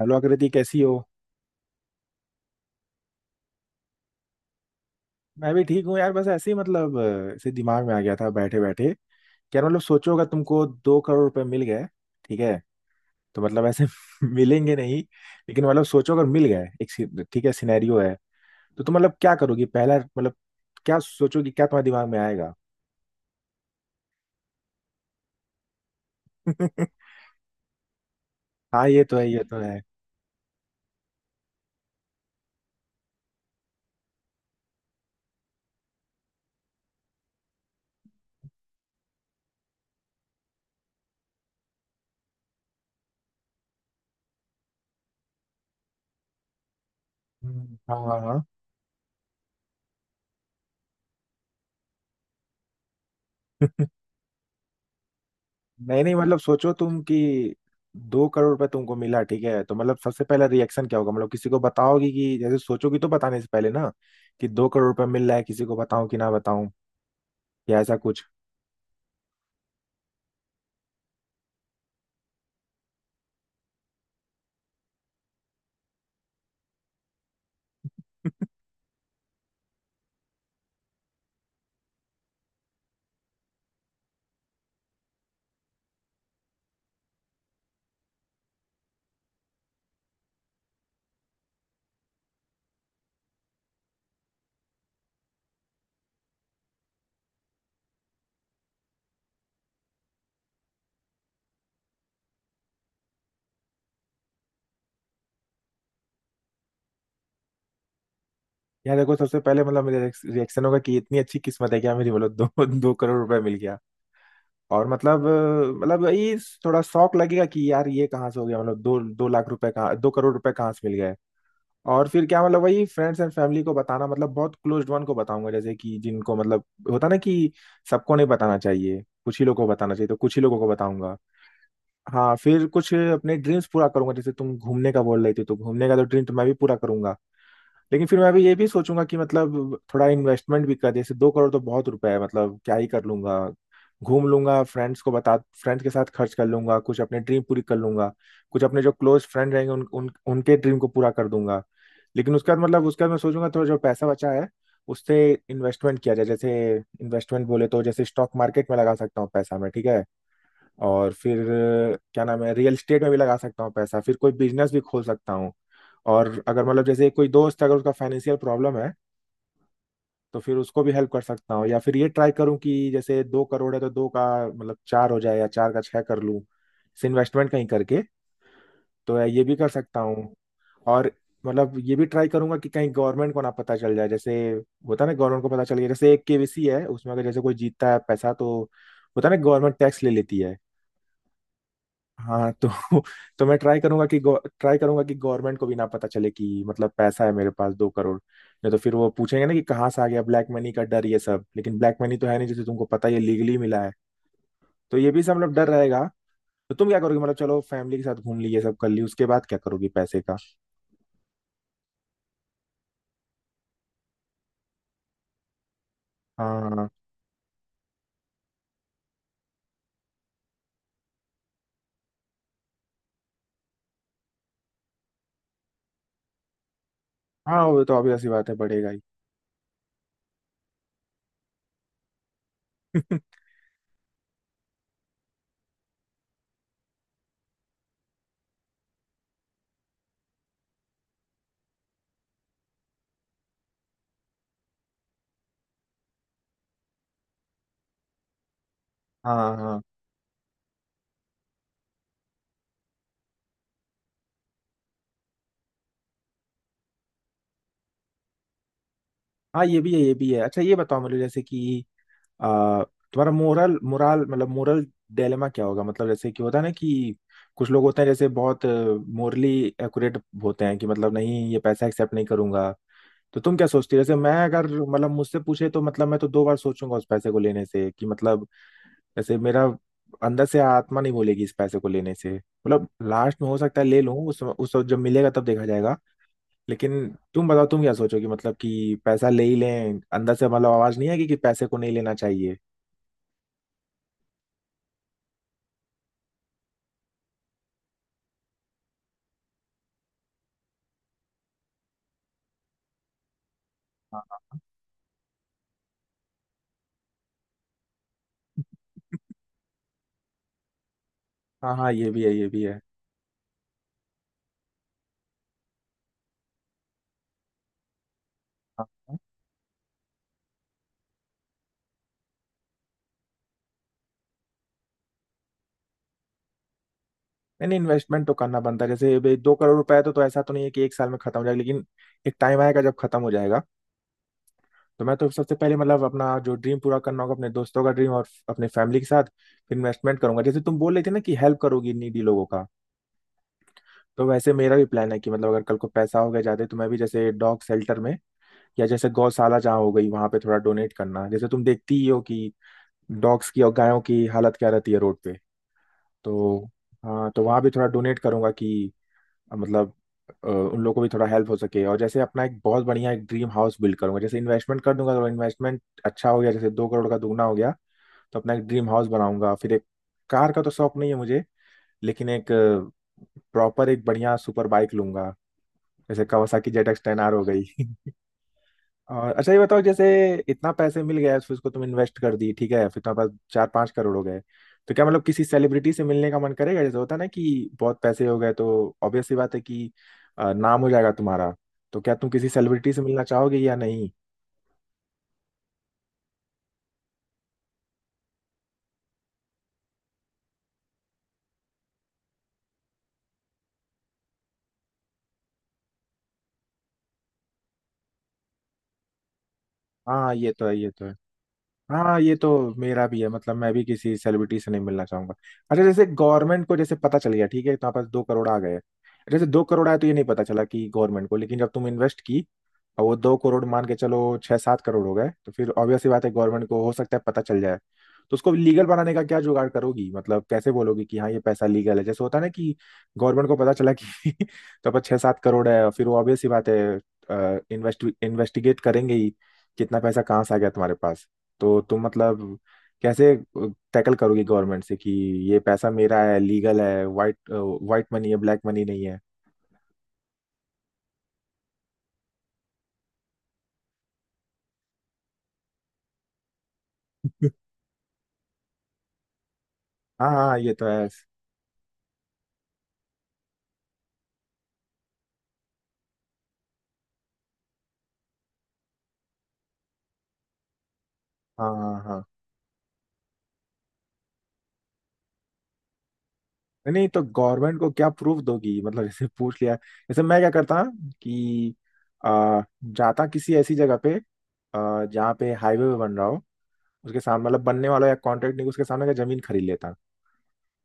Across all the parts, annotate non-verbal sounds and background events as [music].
Hello Aakriti, कैसी हो? मैं भी ठीक हूँ यार, बस ऐसे ही मतलब ऐसे दिमाग में आ गया था बैठे बैठे कि यार, मतलब सोचो अगर तुमको 2 करोड़ रुपए मिल गए। ठीक है, तो मतलब ऐसे [laughs] मिलेंगे नहीं, लेकिन मतलब सोचो अगर मिल गए, एक ठीक है, सिनेरियो है। तो तुम मतलब क्या करोगी पहला, मतलब क्या सोचोगी, क्या तुम्हारे दिमाग में आएगा? [laughs] हाँ, ये तो है, ये तो है। हाँ हाँ। हाँ, नहीं नहीं, मतलब सोचो तुम कि 2 करोड़ रुपए तुमको मिला, ठीक है, तो मतलब सबसे पहला रिएक्शन क्या होगा? मतलब किसी को बताओगी, कि जैसे सोचोगी तो बताने से पहले ना, कि 2 करोड़ रुपए मिल रहा है, किसी को बताऊं कि ना बताऊं, या ऐसा कुछ। या देखो, सबसे पहले मतलब मेरा रिएक्शन होगा कि इतनी अच्छी किस्मत है क्या मेरी, मतलब दो [laughs] 2 करोड़ रुपए मिल गया। और मतलब मतलब ये थोड़ा शौक लगेगा कि यार ये कहाँ से हो गया, मतलब 2-2 लाख रुपए कहाँ, 2 करोड़ रुपए कहाँ से मिल गए? और फिर क्या, मतलब वही फ्रेंड्स एंड फैमिली को बताना, मतलब बहुत क्लोज्ड वन को बताऊंगा, जैसे कि जिनको मतलब होता ना कि सबको नहीं बताना चाहिए, कुछ ही लोगों को बताना चाहिए, तो कुछ ही लोगों को बताऊंगा। हाँ, फिर कुछ अपने ड्रीम्स पूरा करूंगा, जैसे तुम घूमने का बोल रही थी, तो घूमने का तो ड्रीम तो मैं भी पूरा करूंगा। लेकिन फिर मैं भी ये भी सोचूंगा कि मतलब थोड़ा इन्वेस्टमेंट भी कर, जैसे 2 करोड़ तो बहुत रुपए है, मतलब क्या ही कर लूंगा? घूम लूंगा, फ्रेंड्स को बता, फ्रेंड्स के साथ खर्च कर लूंगा, कुछ अपने ड्रीम पूरी कर लूंगा, कुछ अपने जो क्लोज फ्रेंड रहेंगे उन, उन उनके ड्रीम को पूरा कर दूंगा। लेकिन उसके बाद, मतलब उसके बाद मैं सोचूंगा थोड़ा जो पैसा बचा है उससे इन्वेस्टमेंट किया जाए। जैसे इन्वेस्टमेंट बोले तो जैसे स्टॉक मार्केट में लगा सकता हूँ पैसा मैं, ठीक है, और फिर क्या नाम है, रियल एस्टेट में भी लगा सकता हूँ पैसा, फिर कोई बिजनेस भी खोल सकता हूँ। और अगर मतलब जैसे कोई दोस्त, अगर उसका फाइनेंशियल प्रॉब्लम है तो फिर उसको भी हेल्प कर सकता हूँ, या फिर ये ट्राई करूँ कि जैसे 2 करोड़ है तो दो का मतलब चार हो जाए, या चार का छः कर लूँ इन्वेस्टमेंट कहीं करके। तो ये भी कर सकता हूँ। और मतलब ये भी ट्राई करूंगा कि कहीं गवर्नमेंट को ना पता चल जाए। जैसे होता है ना, गवर्नमेंट को पता चल गया, जैसे एक केवीसी है, उसमें अगर जैसे कोई जीतता है पैसा, तो होता है ना, गवर्नमेंट टैक्स ले लेती है। हाँ तो [laughs] तो मैं ट्राई करूंगा कि गवर्नमेंट को भी ना पता चले कि मतलब पैसा है मेरे पास 2 करोड़, नहीं तो फिर वो पूछेंगे ना कि कहाँ से आ गया, ब्लैक मनी का डर, ये सब, लेकिन ब्लैक मनी तो है नहीं, जैसे तुमको पता है, ये लीगली मिला है। तो ये भी सब मतलब डर रहेगा। तो तुम क्या करोगे? मतलब चलो फैमिली के साथ घूम ली, ये सब कर ली, उसके बाद क्या करोगी पैसे का? हाँ हाँ, वो तो obvious सी बात है, बढ़ेगा ही। [laughs] हाँ हाँ हाँ, ये भी है ये भी है। अच्छा, ये बताओ मुझे, जैसे कि आ, तुम्हारा मोरल मोरल मतलब मोरल डायलेमा क्या होगा? मतलब जैसे कि होता है ना कि कुछ लोग होते हैं जैसे बहुत मोरली एक्यूरेट होते हैं कि मतलब, नहीं, ये पैसा एक्सेप्ट नहीं करूंगा। तो तुम क्या सोचती हो? जैसे मैं अगर, मतलब मुझसे पूछे तो मतलब मैं तो 2 बार सोचूंगा उस पैसे को लेने से कि मतलब जैसे मेरा अंदर से आत्मा नहीं बोलेगी इस पैसे को लेने से, मतलब लास्ट में हो सकता है ले लूं, उस वक्त जब मिलेगा तब देखा जाएगा। लेकिन तुम बताओ, तुम क्या सोचोगे? मतलब कि पैसा ले ही लें, अंदर से मतलब आवाज नहीं आएगी कि पैसे को नहीं लेना चाहिए? हाँ हाँ, ये भी है ये भी है। हाँ हाँ। नहीं नहीं, इन्वेस्टमेंट तो करना बनता है, जैसे भाई 2 करोड़ रुपए है तो ऐसा तो नहीं है कि एक साल में खत्म हो जाएगा, लेकिन एक टाइम आएगा जब खत्म हो जाएगा। तो मैं तो सबसे पहले मतलब अपना जो ड्रीम पूरा करना होगा अपने दोस्तों का ड्रीम और अपने फैमिली के साथ। फिर इन्वेस्टमेंट करूंगा, जैसे तुम बोल रहे थे ना कि हेल्प करोगी नीडी लोगों का, तो वैसे मेरा भी प्लान है कि मतलब अगर कल को पैसा हो गया जाते तो मैं भी जैसे डॉग शेल्टर में, या जैसे गौशाला जहाँ हो गई वहां पे थोड़ा डोनेट करना। जैसे तुम देखती ही हो कि डॉग्स की और गायों की हालत क्या रहती है रोड पे। तो हाँ, तो वहां भी थोड़ा डोनेट करूंगा कि मतलब उन लोगों को भी थोड़ा हेल्प हो सके। और जैसे अपना एक बहुत बढ़िया एक ड्रीम हाउस बिल्ड करूंगा, जैसे इन्वेस्टमेंट कर दूंगा तो इन्वेस्टमेंट अच्छा हो गया, जैसे दो करोड़ का दुगना हो गया, तो अपना एक ड्रीम हाउस बनाऊंगा। फिर एक, कार का तो शौक नहीं है मुझे, लेकिन एक प्रॉपर एक बढ़िया सुपर बाइक लूंगा, जैसे कावासाकी ZX10R हो गई। [laughs] और अच्छा, ये बताओ, जैसे इतना पैसे मिल गया फिर उसको तुम इन्वेस्ट कर दी, ठीक है, फिर तुम्हारे पास 4-5 करोड़ हो गए, तो क्या मतलब किसी सेलिब्रिटी से मिलने का मन करेगा? जैसे होता है ना कि बहुत पैसे हो गए तो ऑब्वियस सी बात है कि नाम हो जाएगा तुम्हारा। तो क्या तुम किसी सेलिब्रिटी से मिलना चाहोगे या नहीं? हाँ ये तो है ये तो है। हाँ ये तो मेरा भी है, मतलब मैं भी किसी सेलिब्रिटी से नहीं मिलना चाहूंगा। अच्छा, जैसे गवर्नमेंट को जैसे पता चल गया, ठीक है, तुम्हारे पास 2 करोड़ आ गए, जैसे दो करोड़ आए तो ये नहीं पता चला कि गवर्नमेंट को, लेकिन जब तुम इन्वेस्ट की और वो 2 करोड़ मान के चलो 6-7 करोड़ हो गए, तो फिर ऑब्वियस सी बात है गवर्नमेंट को हो सकता है पता चल जाए, तो उसको लीगल बनाने का क्या जुगाड़ करोगी? मतलब कैसे बोलोगी कि हाँ ये पैसा लीगल है? जैसे होता है ना कि गवर्नमेंट को पता चला कि [laughs] तो पर 6-7 करोड़ है, और फिर वो ऑब्वियस सी बात है इन्वेस्ट इन्वेस्टिगेट करेंगे ही, कितना पैसा कहाँ से आ गया तुम्हारे पास। तो तुम मतलब कैसे टैकल करोगी गवर्नमेंट से कि ये पैसा मेरा है, लीगल है, वाइट वाइट मनी है, ब्लैक मनी नहीं है? [laughs] हाँ हाँ ये तो है। हाँ हाँ हाँ। नहीं तो गवर्नमेंट को क्या प्रूफ दोगी? मतलब जैसे पूछ लिया, जैसे मैं क्या करता कि जाता किसी ऐसी जगह पे जहाँ पे हाईवे पे बन रहा हो उसके सामने, मतलब बनने वाला या कॉन्ट्रैक्ट, नहीं उसके सामने का जमीन खरीद लेता।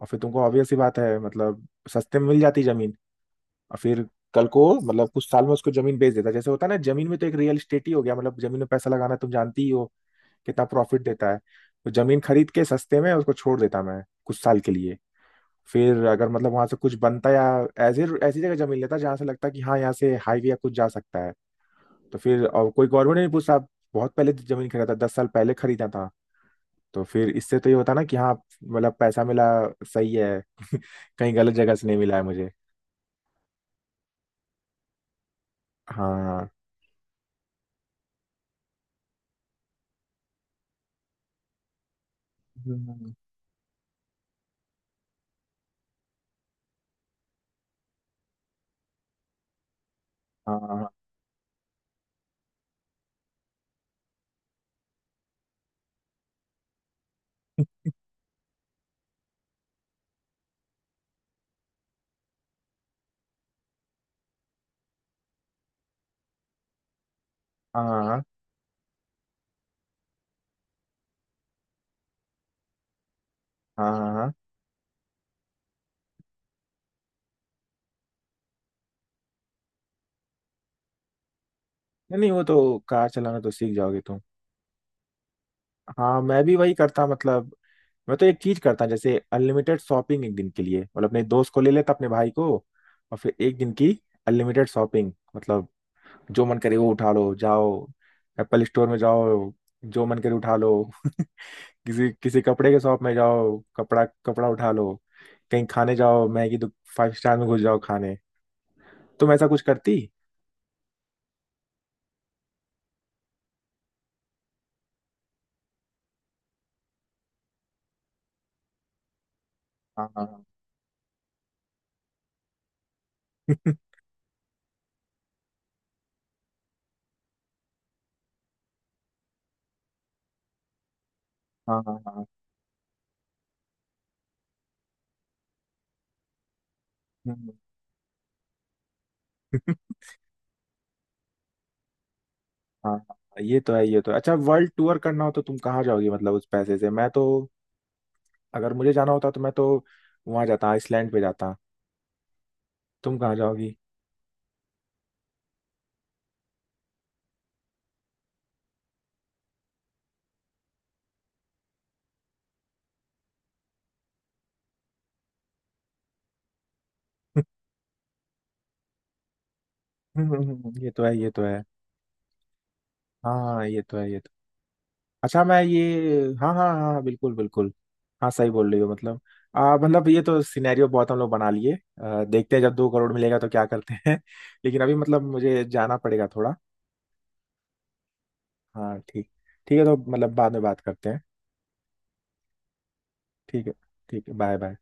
और फिर तुमको ऑब्वियस सी बात है, मतलब सस्ते में मिल जाती जमीन। और फिर कल को, मतलब कुछ साल में उसको जमीन बेच देता, जैसे होता है ना जमीन में, तो एक रियल इस्टेट ही हो गया, मतलब जमीन में पैसा लगाना तुम जानती ही हो कितना प्रॉफिट देता है। तो जमीन खरीद के सस्ते में उसको छोड़ देता मैं कुछ साल के लिए, फिर अगर मतलब वहां से कुछ बनता, या ऐसी ऐसी जगह जमीन लेता जहां से लगता कि हाँ यहाँ से हाईवे या कुछ जा सकता है, तो फिर और कोई गवर्नमेंट नहीं पूछता, आप बहुत पहले जमीन खरीदा था, 10 साल पहले खरीदा था। तो फिर इससे तो ये होता ना कि हाँ, मतलब पैसा मिला, सही है, [laughs] कहीं गलत जगह से नहीं मिला है मुझे। हाँ। हम्म, हाँ हाँ हाँ हाँ हाँ। नहीं नहीं वो तो, कार चलाना तो सीख जाओगे तुम। हाँ, मैं भी वही करता, मतलब मैं तो एक चीज करता, जैसे अनलिमिटेड शॉपिंग एक दिन के लिए, मतलब अपने दोस्त को ले लेता, अपने भाई को, और फिर एक दिन की अनलिमिटेड शॉपिंग, मतलब जो मन करे वो उठा लो, जाओ, एप्पल स्टोर में जाओ, जो मन करे उठा लो। [laughs] किसी किसी कपड़े के शॉप में जाओ, कपड़ा कपड़ा उठा लो, कहीं खाने जाओ, मैगी तो, फाइव स्टार में घुस जाओ खाने। तुम ऐसा कुछ करती? हाँ हाँ हाँ। [laughs] हाँ हाँ हाँ। हम्म। [laughs] हाँ हाँ। ये तो है ये तो है। अच्छा, वर्ल्ड टूर करना हो तो तुम कहाँ जाओगी? मतलब उस पैसे से मैं तो, अगर मुझे जाना होता तो मैं तो वहां जाता, आइसलैंड पे जाता। तुम कहाँ जाओगी? [laughs] ये तो है ये तो है। हाँ ये तो है, ये तो। अच्छा मैं ये, हाँ हाँ हाँ हाँ, बिल्कुल बिल्कुल। हाँ, सही बोल रही हो, मतलब मतलब ये तो सिनेरियो बहुत हम लोग बना लिए। देखते हैं जब 2 करोड़ मिलेगा तो क्या करते हैं। [laughs] लेकिन अभी मतलब मुझे जाना पड़ेगा थोड़ा। हाँ ठीक ठीक है तो मतलब बाद में बात करते हैं। ठीक है, ठीक है, बाय बाय।